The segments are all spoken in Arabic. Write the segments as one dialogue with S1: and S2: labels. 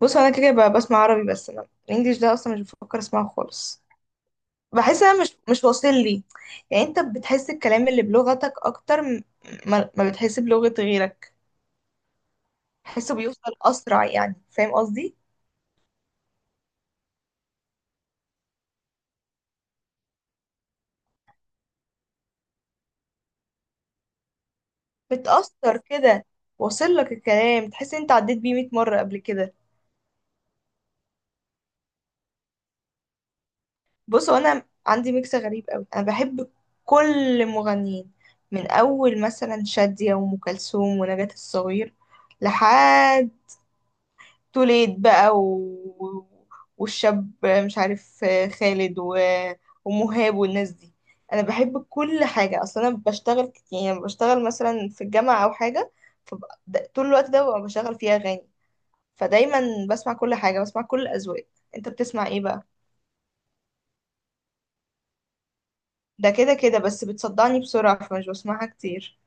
S1: بص، انا كده بسمع عربي. بس انا الانجليش ده اصلا مش بفكر اسمعه خالص. بحس انا مش واصل لي. يعني انت بتحس الكلام اللي بلغتك اكتر ما بتحس بلغة غيرك؟ بحسه بيوصل اسرع، يعني فاهم قصدي؟ بتأثر كده. واصل لك الكلام، تحس انت عديت بيه 100 مرة قبل كده. بص، هو انا عندي ميكس غريب قوي. انا بحب كل المغنيين، من اول مثلا شادية وام كلثوم ونجاة الصغير لحد توليد بقى والشاب مش عارف خالد ومهاب والناس دي. انا بحب كل حاجه. اصلا انا بشتغل يعني بشتغل مثلا في الجامعه او حاجه، طول الوقت ده ببقى بشغل فيها اغاني. فدايما بسمع كل حاجه، بسمع كل الاذواق. انت بتسمع ايه بقى؟ ده كده كده بس بتصدعني بسرعه، فمش بسمعها كتير.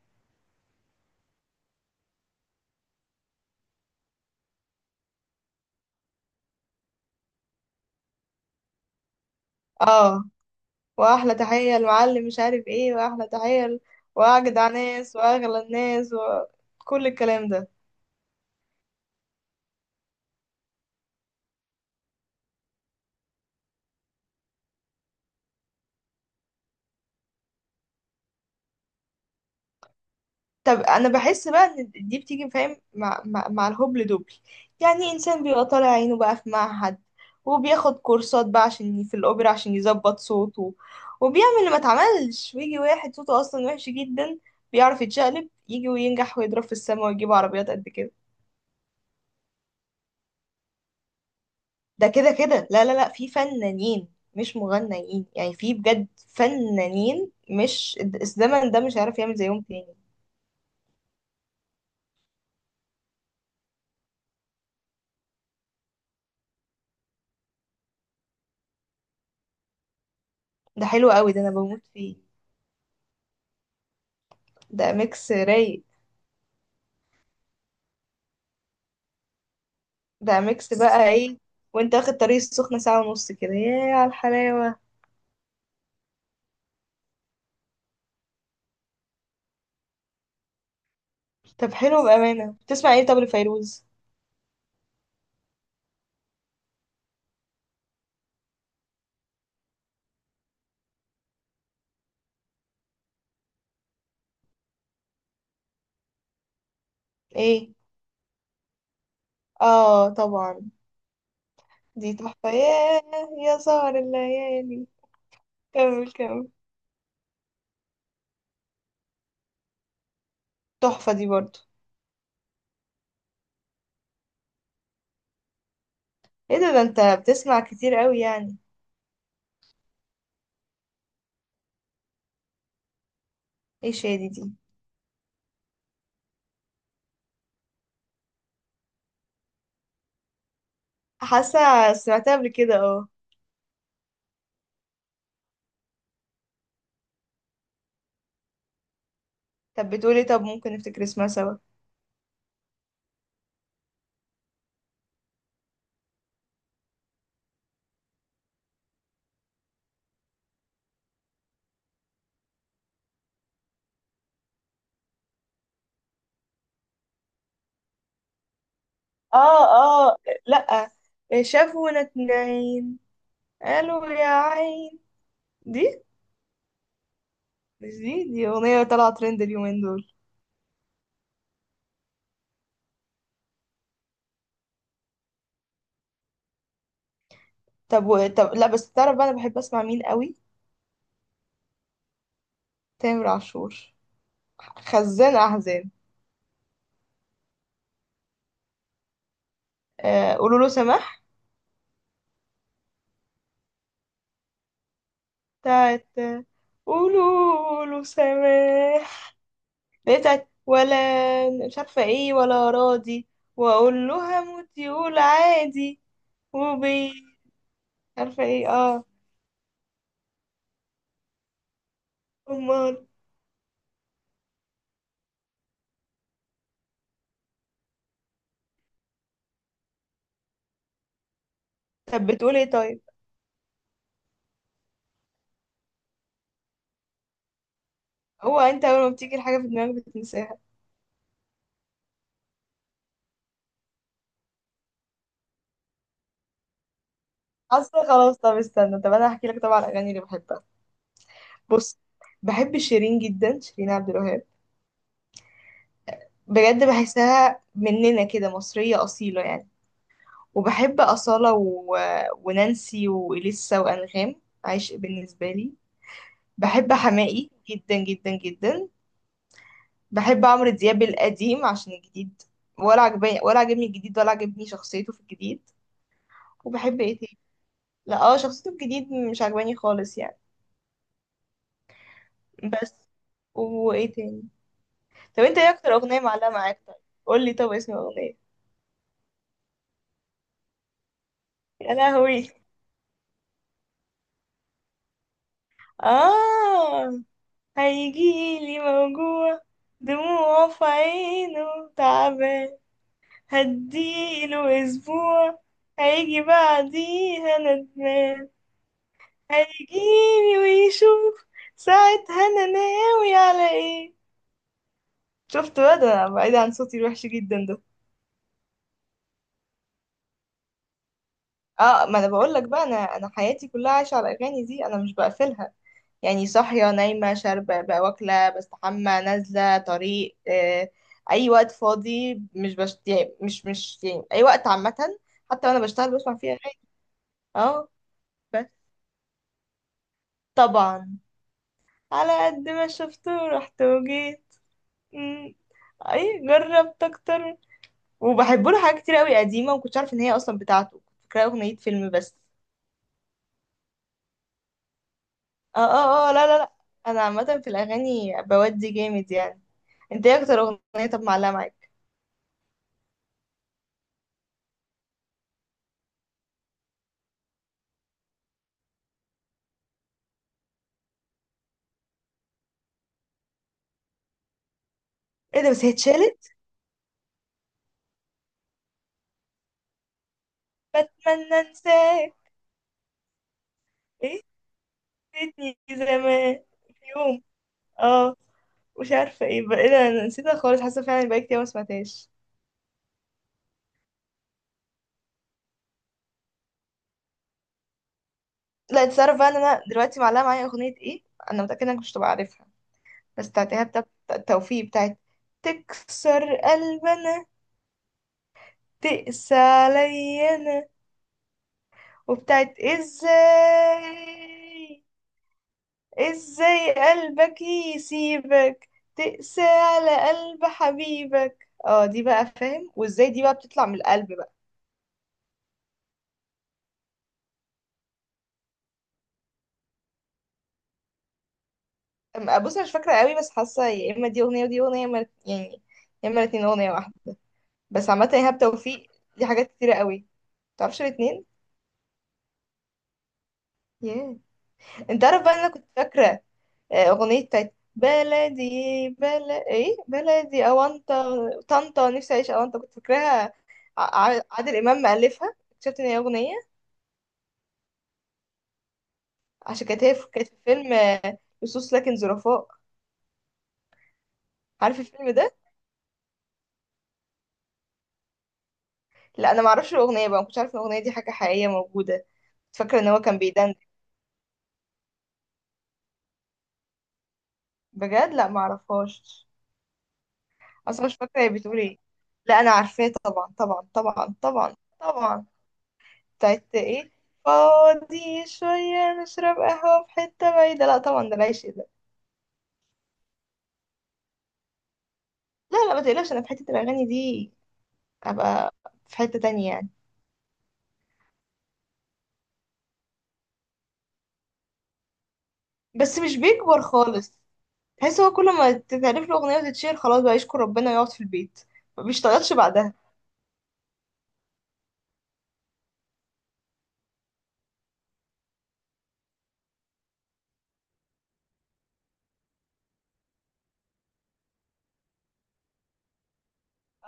S1: اه. واحلى تحيه المعلم، مش عارف ايه، واحلى تحيه واجدع ناس واغلى الناس وكل الكلام ده. طب انا بحس بقى ان دي بتيجي فاهم مع الهبل دبل. يعني انسان بيبقى طالع عينه بقى في معهد، وبياخد كورسات بقى عشان في الاوبرا عشان يظبط صوته، وبيعمل اللي ما اتعملش، ويجي واحد صوته اصلا وحش جدا بيعرف يتشقلب، يجي وينجح ويضرب في السما ويجيب عربيات قد كده. ده كده كده لا لا لا، في فنانين مش مغنيين. يعني في بجد فنانين مش الزمن ده مش عارف يعمل زيهم تاني. ده حلو قوي، ده انا بموت فيه. ده ميكس رايق. بقى ميكس بقى ايه؟ وانت واخد طريق السخنة ساعة ونص كده، ياه على الحلاوة. طب حلو، بأمانة بتسمع ايه طب لفيروز؟ ايه. اه طبعا. دي تحفة، ياه. يا سهر الليالي. كمل كمل. تحفة دي برضو. ايه ده، انت بتسمع كتير قوي يعني؟ ايه شادي دي؟ حاسة سمعتها قبل كده، اه. طب بتقولي طب ممكن نفتكر اسمها سوا. اه اه. لأ، شافونا اتنين قالوا يا عين. دي، مش دي اغنية طالعة ترند اليومين دول. طب طب لا، بس تعرف بقى انا بحب اسمع مين قوي؟ تامر عاشور، خزان احزان. قولوا له سماح. بتاعت قولوا له سماح اللي هي بتاعت ولا، مش عارفة ايه، ولا راضي، واقول له هموت يقول عادي. وبي، عارفة ايه، اه. امال. طب بتقول ايه طيب؟ هو انت اول ما بتيجي الحاجة في دماغك بتنساها. اصلا خلاص، طب استنى، طب انا هحكي لك طبعا الاغاني اللي بحبها. بص، بحب شيرين جدا، شيرين عبد الوهاب. بجد بحسها مننا كده، مصرية أصيلة يعني. وبحب أصالة ونانسي وإليسا وأنغام. عشق بالنسبة لي. بحب حماقي جدا جدا جدا. بحب عمرو دياب القديم عشان الجديد ولا عجبني. الجديد ولا عجبني شخصيته في الجديد. وبحب ايه تاني؟ لا، اه، شخصيته الجديد مش عجباني خالص يعني. بس. وايه تاني؟ طب انت ايه اكتر اغنية معلقة معاك طيب؟ قولي طب اسم الاغنية. يا لهوي. آه هيجيلي موجوع، دموعه في عينه تعبان، هديله أسبوع، هيجي بعديها ندمان. هيجيلي ويشوف ساعتها أنا ناوي على إيه. شفت بقى، ده أنا بعيد عن صوتي الوحش جدا ده. اه، ما انا بقول لك بقى، انا حياتي كلها عايشه على الاغاني دي، انا مش بقفلها. يعني صاحية، نايمة، شاربة بقى، واكلة، بستحمى، نازلة طريق، أي وقت فاضي، مش بشت... يعني مش يعني أي وقت عامة. حتى وأنا بشتغل بسمع فيها أغاني. اه، بس طبعا على قد ما شفت ورحت وجيت. مم. أي جربت أكتر. وبحبه له حاجات كتير أوي قديمة، ومكنتش عارفة إن هي أصلا بتاعته، كنت فاكراها أغنية فيلم بس. اه اه اه، لا لا لا. أنا عامة في الأغاني بودي جامد يعني. انت ايه أكتر أغنية طب معلقة معاك؟ ايه ده، بس هي اتشالت؟ بتمنى انساك. ايه، نسيتني زمان في يوم. اه. مش عارفه ايه بقى، ايه ده، انا نسيتها خالص، حاسه فعلا بقى كتير ما سمعتهاش. لا، انت تعرف بقى ان انا دلوقتي معلقه معايا اغنيه ايه؟ انا متاكده انك مش هتبقى عارفها. بس بتاعتها، بتاعت التوفيق، بتاعت تكسر قلبنا، تقسى علينا، وبتاعت ازاي ازاي قلبك يسيبك تقسى على قلب حبيبك، اه دي بقى فاهم، وازاي دي بقى بتطلع من القلب بقى. بص انا مش فاكره قوي، بس حاسه يا اما دي اغنيه ودي اغنيه، يا اما يعني يا اما الاثنين اغنيه واحده. بس عامه ايهاب توفيق دي حاجات كتيره قوي، متعرفش الاثنين؟ ياه. انت عارف بقى إن انا كنت فاكره اغنيه بتاعت بلدي، بلد ايه، بلدي اوانطه، طنطا نفسي اعيش اوانطه، كنت فاكراها ع- عادل امام مألفها، اكتشفت ان هي اغنيه. عشان كانت هي كانت في فيلم لصوص لكن ظرفاء. عارف الفيلم ده؟ لا، انا ما اعرفش الاغنيه بقى، ما كنتش عارف ان الاغنيه دي حاجه حقيقيه موجوده. كنت فاكره ان هو كان بيدندن. بجد؟ لا، ما اعرفهاش. اصلا مش فاكره هي بتقول ايه. لا، انا عارفاه طبعا طبعا طبعا طبعا طبعا. بتاعت ايه؟ فاضي شويه نشرب قهوه في حته بعيده، لا طبعا ده العيش ده. لا لا، ما تقلقش، انا في حته الاغاني دي ابقى في حته تانية يعني. بس مش بيكبر خالص. تحس هو كل ما تتعرف له أغنية وتتشير، خلاص بقى يشكر ربنا ويقعد في البيت، ما بيشتغلش بعدها.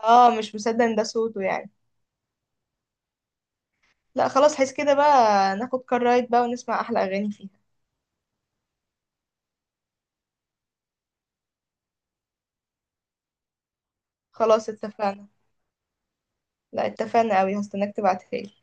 S1: اه، مش مصدق ان ده صوته يعني. لا خلاص، حس كده بقى، ناخد كار رايد بقى ونسمع أحلى أغاني فيها. خلاص، اتفقنا. لا اتفقنا قوي، هستناك تبعتها لي.